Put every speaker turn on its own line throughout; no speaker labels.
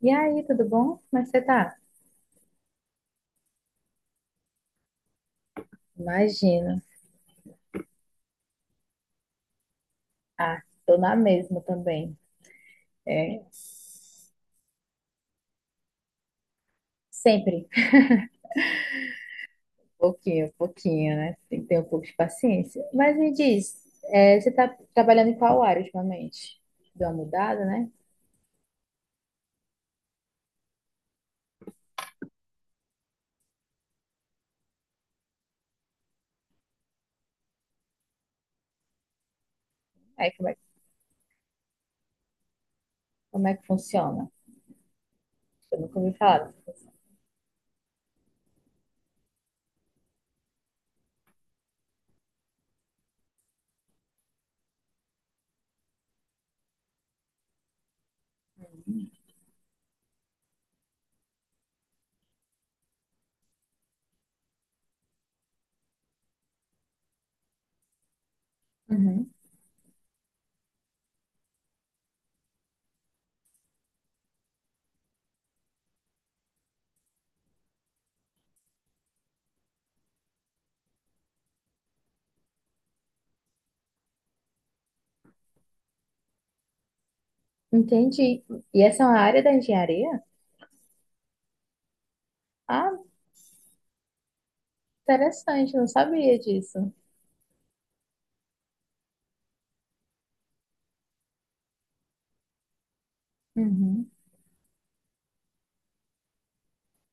E aí, tudo bom? Como é que você tá? Imagino. Ah, tô na mesma também. É, sempre. Pouquinho, pouquinho, né? Tem que ter um pouco de paciência. Mas me diz, é, você tá trabalhando em qual área ultimamente? Deu uma mudada, né? Aí, como é que funciona? Eu nunca ouvi falar. Uhum. Entendi. E essa é uma área da engenharia? Ah, interessante, não sabia disso. Uhum.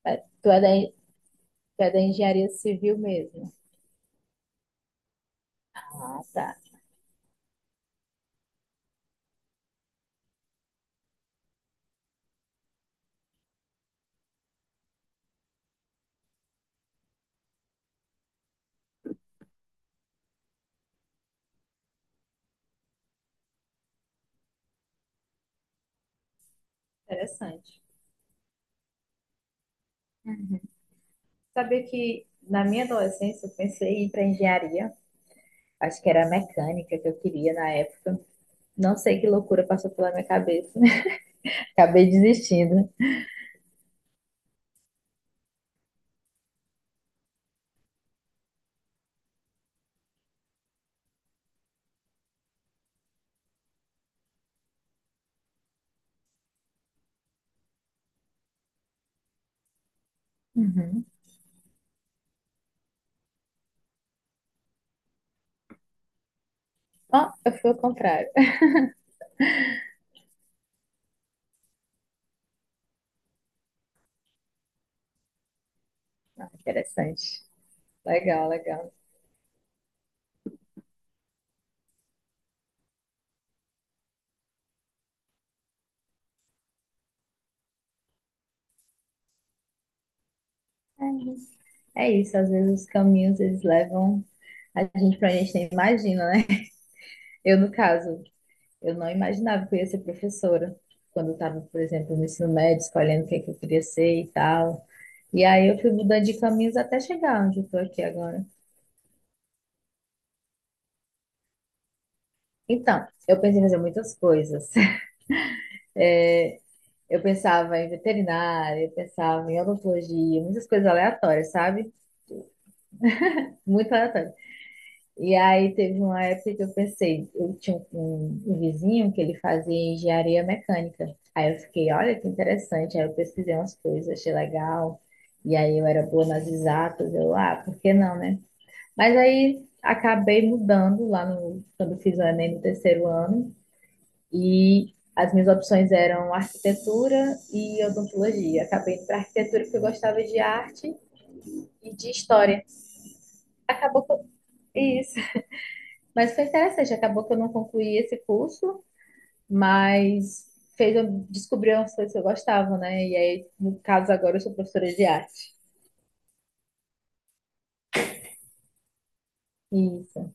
É, tu é da engenharia civil mesmo. Ah, tá. Interessante. Hum. Sabia que na minha adolescência eu pensei em ir para engenharia. Acho que era a mecânica que eu queria na época. Não sei que loucura passou pela minha cabeça. Acabei desistindo. Uhum. Ó, eu fui ao contrário. Ah, interessante. Legal, legal. É isso. É isso, às vezes os caminhos eles levam a gente para a gente nem imagina, né? Eu, no caso, eu não imaginava que eu ia ser professora quando eu estava, por exemplo, no ensino médio, escolhendo o que, é que eu queria ser e tal. E aí eu fui mudando de caminhos até chegar onde eu estou aqui agora. Então, eu pensei em fazer muitas coisas. Eu pensava em veterinária, eu pensava em odontologia, muitas coisas aleatórias, sabe? Muito aleatórias. E aí teve uma época que eu pensei, eu tinha um vizinho que ele fazia engenharia mecânica. Aí eu fiquei, olha que interessante. Aí eu pesquisei umas coisas, achei legal. E aí eu era boa nas exatas, eu, ah, por que não, né? Mas aí acabei mudando lá no, quando fiz o Enem no terceiro ano. E as minhas opções eram arquitetura e odontologia. Acabei indo para arquitetura porque eu gostava de arte e de história. Acabou com isso. Mas foi interessante, acabou que eu não concluí esse curso, mas fez eu descobrir umas coisas que eu gostava, né? E aí, no caso agora, eu sou professora de arte. Isso.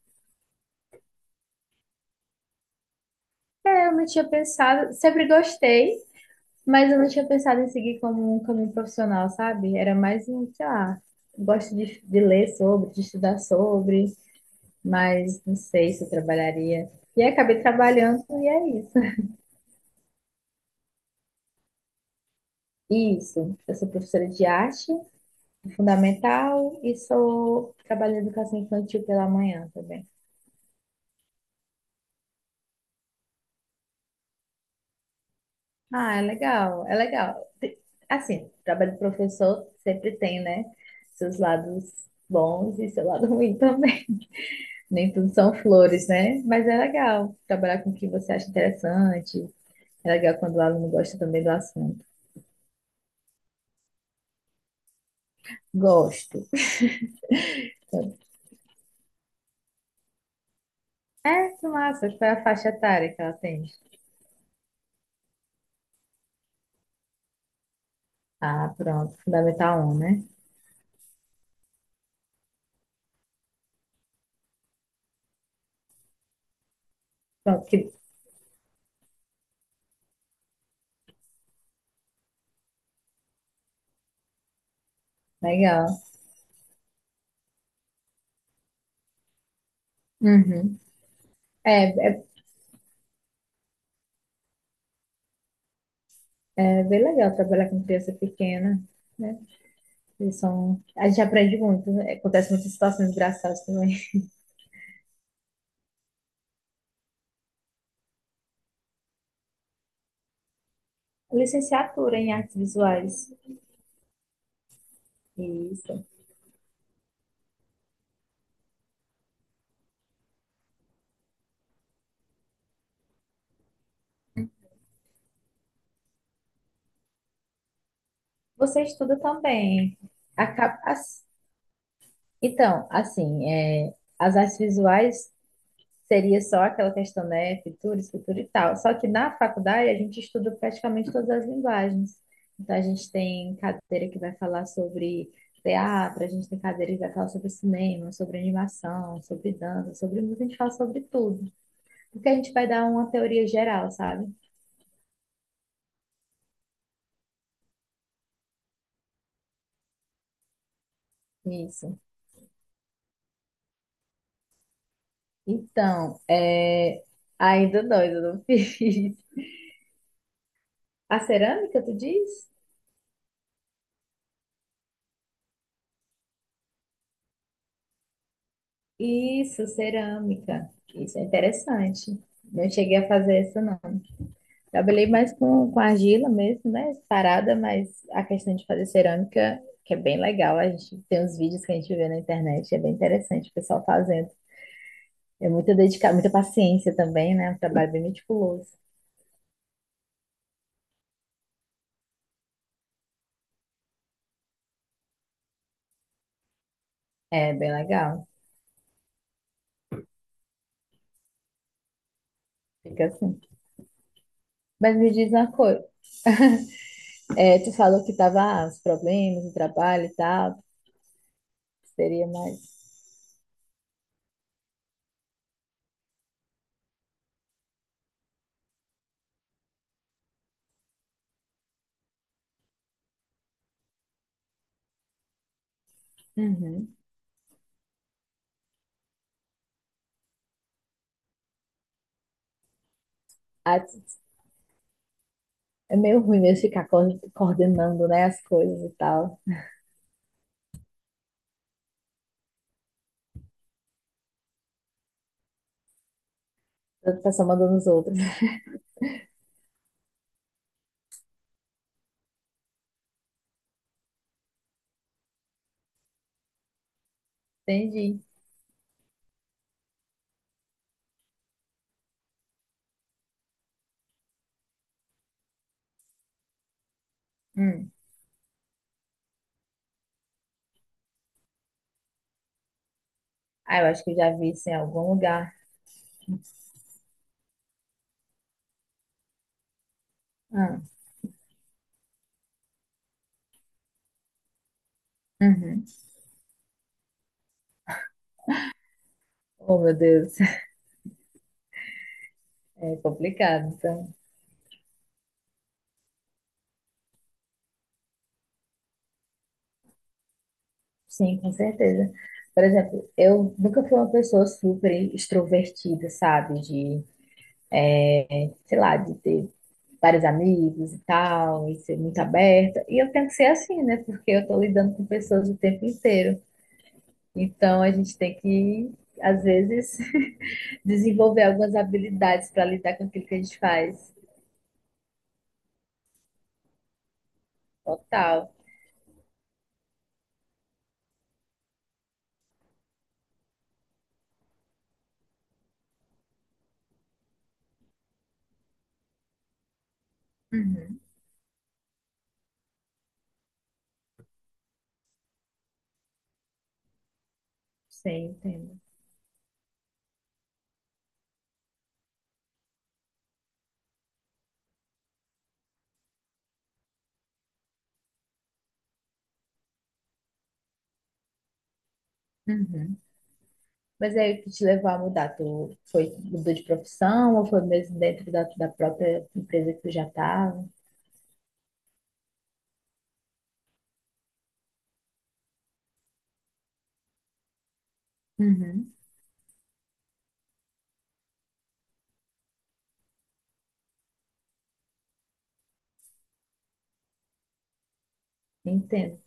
É, eu não tinha pensado, sempre gostei, mas eu não tinha pensado em seguir como um caminho profissional, sabe? Era mais um, sei lá, gosto de ler sobre, de estudar sobre, mas não sei se eu trabalharia. E aí acabei trabalhando e é isso. Isso, eu sou professora de arte fundamental e sou trabalho de educação infantil pela manhã também. Ah, é legal, é legal. Assim, trabalho de professor sempre tem, né? Seus lados bons e seu lado ruim também. Nem tudo são flores, né? Mas é legal trabalhar com o que você acha interessante. É legal quando o aluno gosta também do assunto. Gosto. É, que massa. Qual é a faixa etária que ela tem? Ah, pronto. Fundamental um, né? Pronto, que legal. Uhum. É, é. É bem legal trabalhar com criança pequena, né? Eles são... A gente aprende muito, né? Acontece muitas situações engraçadas também. Licenciatura em artes visuais. Isso. Você estuda também. Acaba... as- Então, assim, é, as artes visuais seria só aquela questão, né, Futura, escritura e tal. Só que na faculdade a gente estuda praticamente todas as linguagens. Então a gente tem cadeira que vai falar sobre teatro, a gente tem cadeira que vai falar sobre cinema, sobre animação, sobre dança, sobre música, a gente fala sobre tudo. Porque a gente vai dar uma teoria geral, sabe? Isso. Então, é... ainda não fiz. A cerâmica, tu diz? Isso, cerâmica. Isso é interessante. Não cheguei a fazer isso, não. Trabalhei mais com argila mesmo, né? Parada, mas a questão de fazer cerâmica, que é bem legal. A gente tem uns vídeos que a gente vê na internet, é bem interessante o pessoal fazendo. É muita dedicação, muita paciência também, né? Um trabalho bem meticuloso. É bem legal. Fica assim. Mas me diz uma coisa. É, tu falou que tava ah, os problemas, o trabalho e tal, que seria mais. Uhum. Ah, t- É meio ruim mesmo ficar coordenando, né, as coisas e tal. O pessoal mandando os outros. Entendi. Hum. Ah, eu acho que eu já vi isso em algum lugar. Ah, uhum. Oh, meu Deus, é complicado. Então, sim, com certeza. Por exemplo, eu nunca fui uma pessoa super extrovertida, sabe? De, sei lá, de ter vários amigos e tal, e ser muito aberta. E eu tenho que ser assim, né? Porque eu tô lidando com pessoas o tempo inteiro. Então, a gente tem que, às vezes, desenvolver algumas habilidades para lidar com aquilo que a gente faz. Total. Uhum. Sim, entendo. Uhum. Mas aí o que te levou a mudar? Tu foi, mudou de profissão ou foi mesmo dentro da, da própria empresa que tu já estava? Uhum, entendo.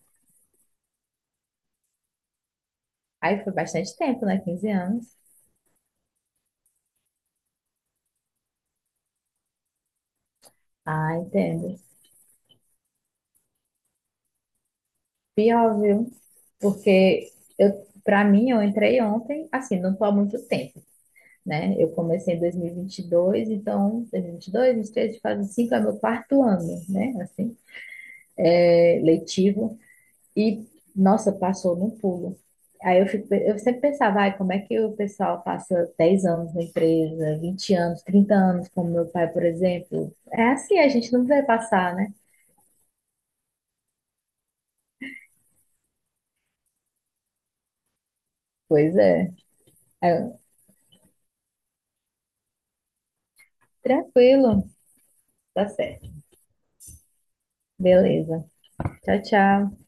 Aí foi bastante tempo, né? 15 anos. Ah, entendo. Pior, viu? Porque eu, para mim, eu entrei ontem, assim, não tô há muito tempo, né? Eu comecei em 2022, então 2022, 2023, faz cinco é meu quarto ano, né? Assim, é, letivo. E, nossa, passou num pulo. Aí eu, fico, eu sempre pensava, ai, como é que o pessoal passa 10 anos na empresa, 20 anos, 30 anos, como meu pai, por exemplo. É assim, a gente não vai passar, né? Pois é. Aí eu, tranquilo, tá certo. Beleza. Tchau, tchau.